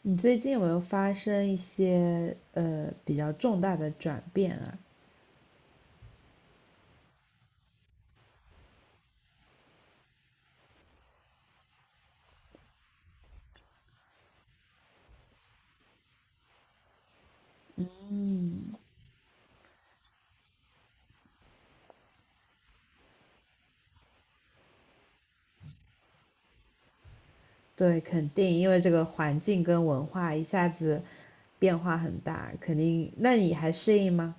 你最近有没有发生一些比较重大的转变啊？嗯，对，肯定，因为这个环境跟文化一下子变化很大，肯定。那你还适应吗？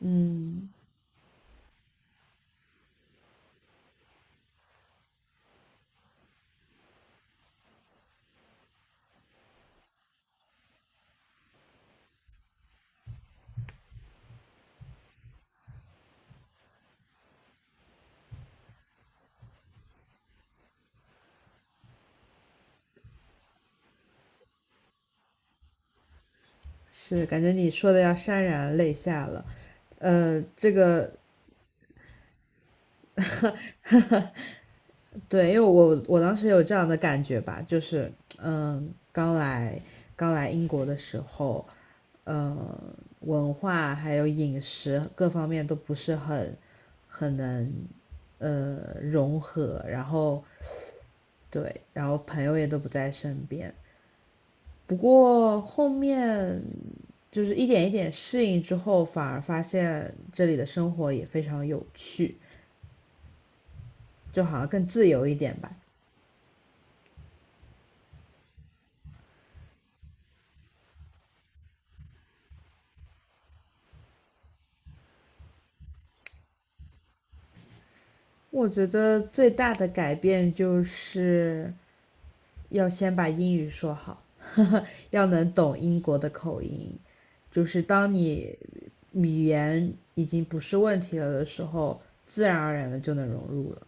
嗯，是，感觉你说的要潸然泪下了。呃，这个，对，因为我当时有这样的感觉吧，就是嗯，刚来英国的时候，嗯，文化还有饮食各方面都不是很能融合，然后对，然后朋友也都不在身边。不过后面就是一点一点适应之后，反而发现这里的生活也非常有趣，就好像更自由一点吧。我觉得最大的改变就是要先把英语说好，呵呵要能懂英国的口音。就是当你语言已经不是问题了的时候，自然而然的就能融入了，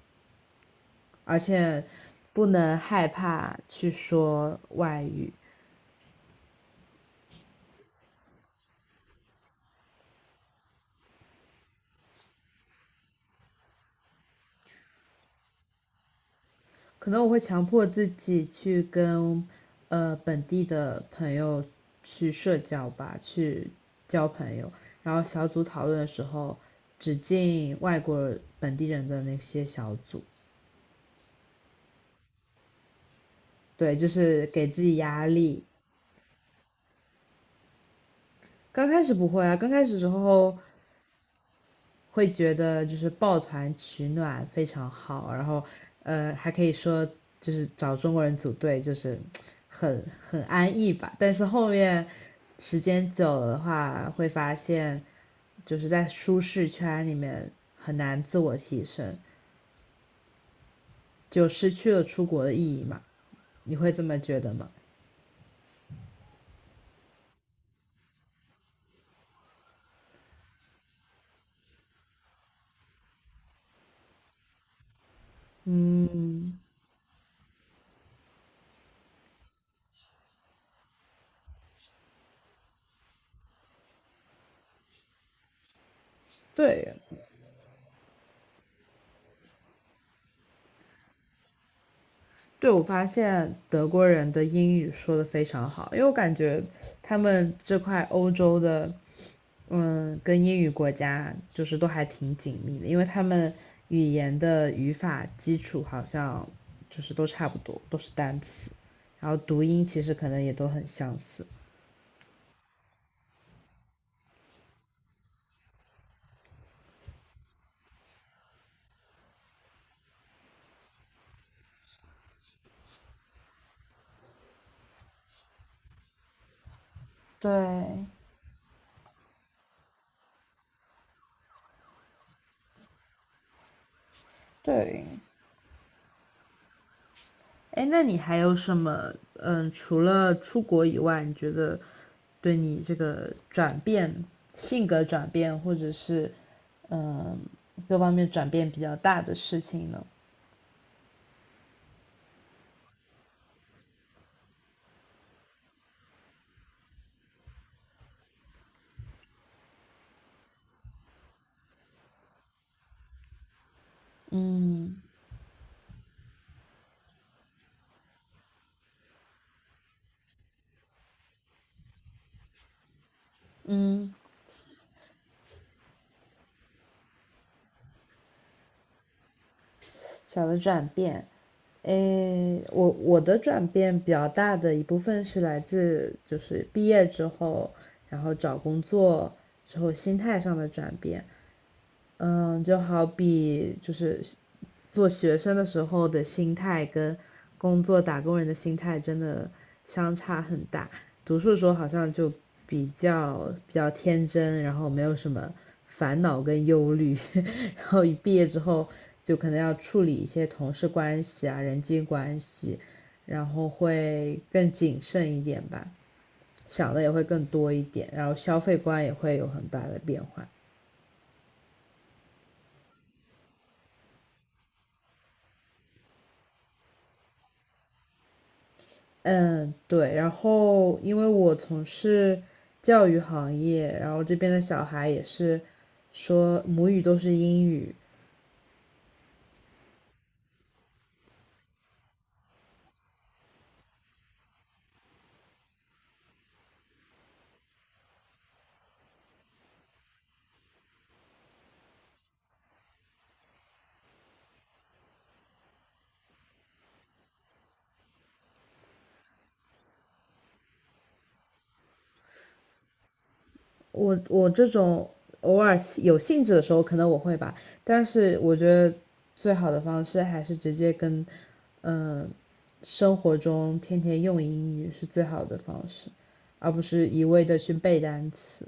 而且不能害怕去说外语，可能我会强迫自己去跟本地的朋友去社交吧，去交朋友。然后小组讨论的时候，只进外国本地人的那些小组。对，就是给自己压力。刚开始不会啊，刚开始时候会觉得就是抱团取暖非常好，然后还可以说就是找中国人组队就是很安逸吧。但是后面时间久了的话，会发现就是在舒适圈里面很难自我提升，就失去了出国的意义嘛。你会这么觉得吗？嗯，对，对，我发现德国人的英语说的非常好，因为我感觉他们这块欧洲的，嗯，跟英语国家就是都还挺紧密的，因为他们语言的语法基础好像就是都差不多，都是单词，然后读音其实可能也都很相似。对，对，哎，那你还有什么？嗯，除了出国以外，你觉得对你这个转变、性格转变，或者是嗯各方面转变比较大的事情呢？嗯嗯，小的转变，诶，我的转变比较大的一部分是来自就是毕业之后，然后找工作之后心态上的转变。嗯，就好比就是做学生的时候的心态跟工作打工人的心态真的相差很大。读书的时候好像就比较天真，然后没有什么烦恼跟忧虑，然后一毕业之后就可能要处理一些同事关系啊、人际关系，然后会更谨慎一点吧，想的也会更多一点，然后消费观也会有很大的变化。嗯，对，然后因为我从事教育行业，然后这边的小孩也是说母语都是英语，我这种偶尔有兴致的时候可能我会吧，但是我觉得最好的方式还是直接跟嗯生活中天天用英语是最好的方式，而不是一味的去背单词。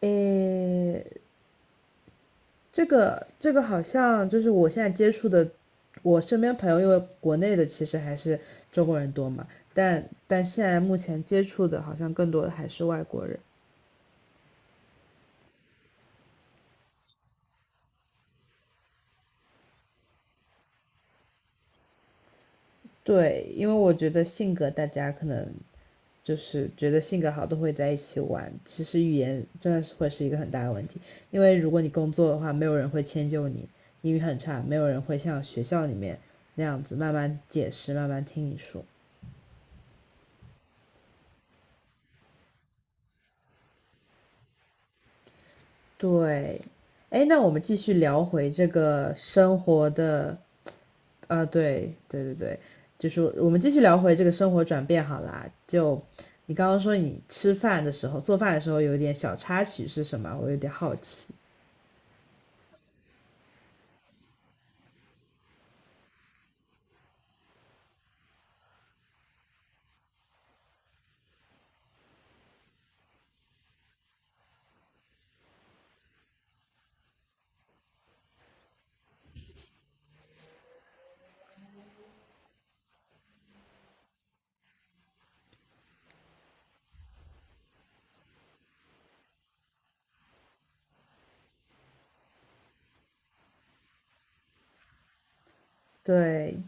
诶，这个好像就是我现在接触的，我身边朋友，因为国内的其实还是中国人多嘛，但但现在目前接触的好像更多的还是外国人。对，因为我觉得性格大家可能就是觉得性格好都会在一起玩，其实语言真的是会是一个很大的问题，因为如果你工作的话，没有人会迁就你，英语很差，没有人会像学校里面那样子慢慢解释，慢慢听你说。对，哎，那我们继续聊回这个生活的，啊，对对对对，就是我们继续聊回这个生活转变好啦。就你刚刚说你吃饭的时候、做饭的时候有点小插曲是什么？我有点好奇。对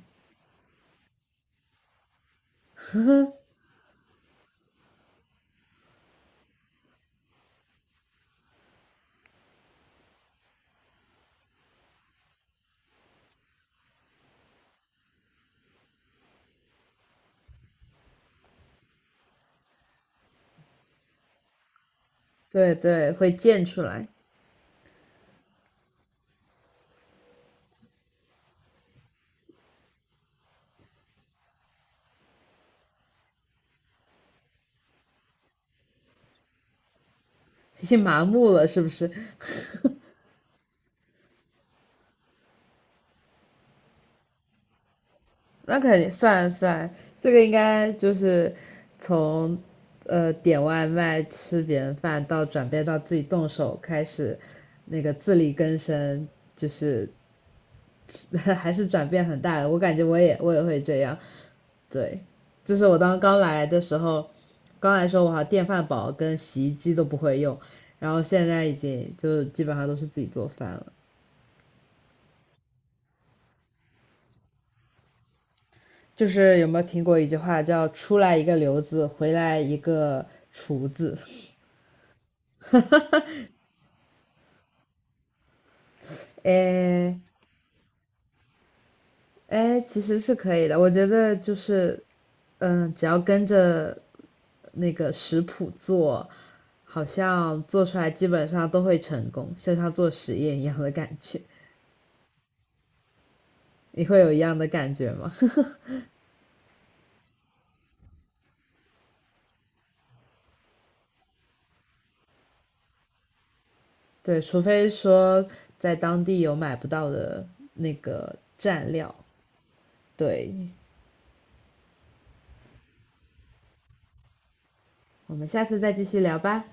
对对，会溅出来，已经麻木了是不是？那肯定算算，这个应该就是从点外卖吃别人饭到转变到自己动手开始，那个自力更生，就是 还是转变很大的。我感觉我也会这样，对，就是我当刚来的时候，刚来的时候我好像电饭煲跟洗衣机都不会用，然后现在已经就基本上都是自己做饭了。就是有没有听过一句话叫"出来一个刘子，回来一个厨子"？哎哎，其实是可以的。我觉得就是，嗯，只要跟着那个食谱做，好像做出来基本上都会成功，就像做实验一样的感觉。你会有一样的感觉吗？对，除非说在当地有买不到的那个蘸料。对，我们下次再继续聊吧。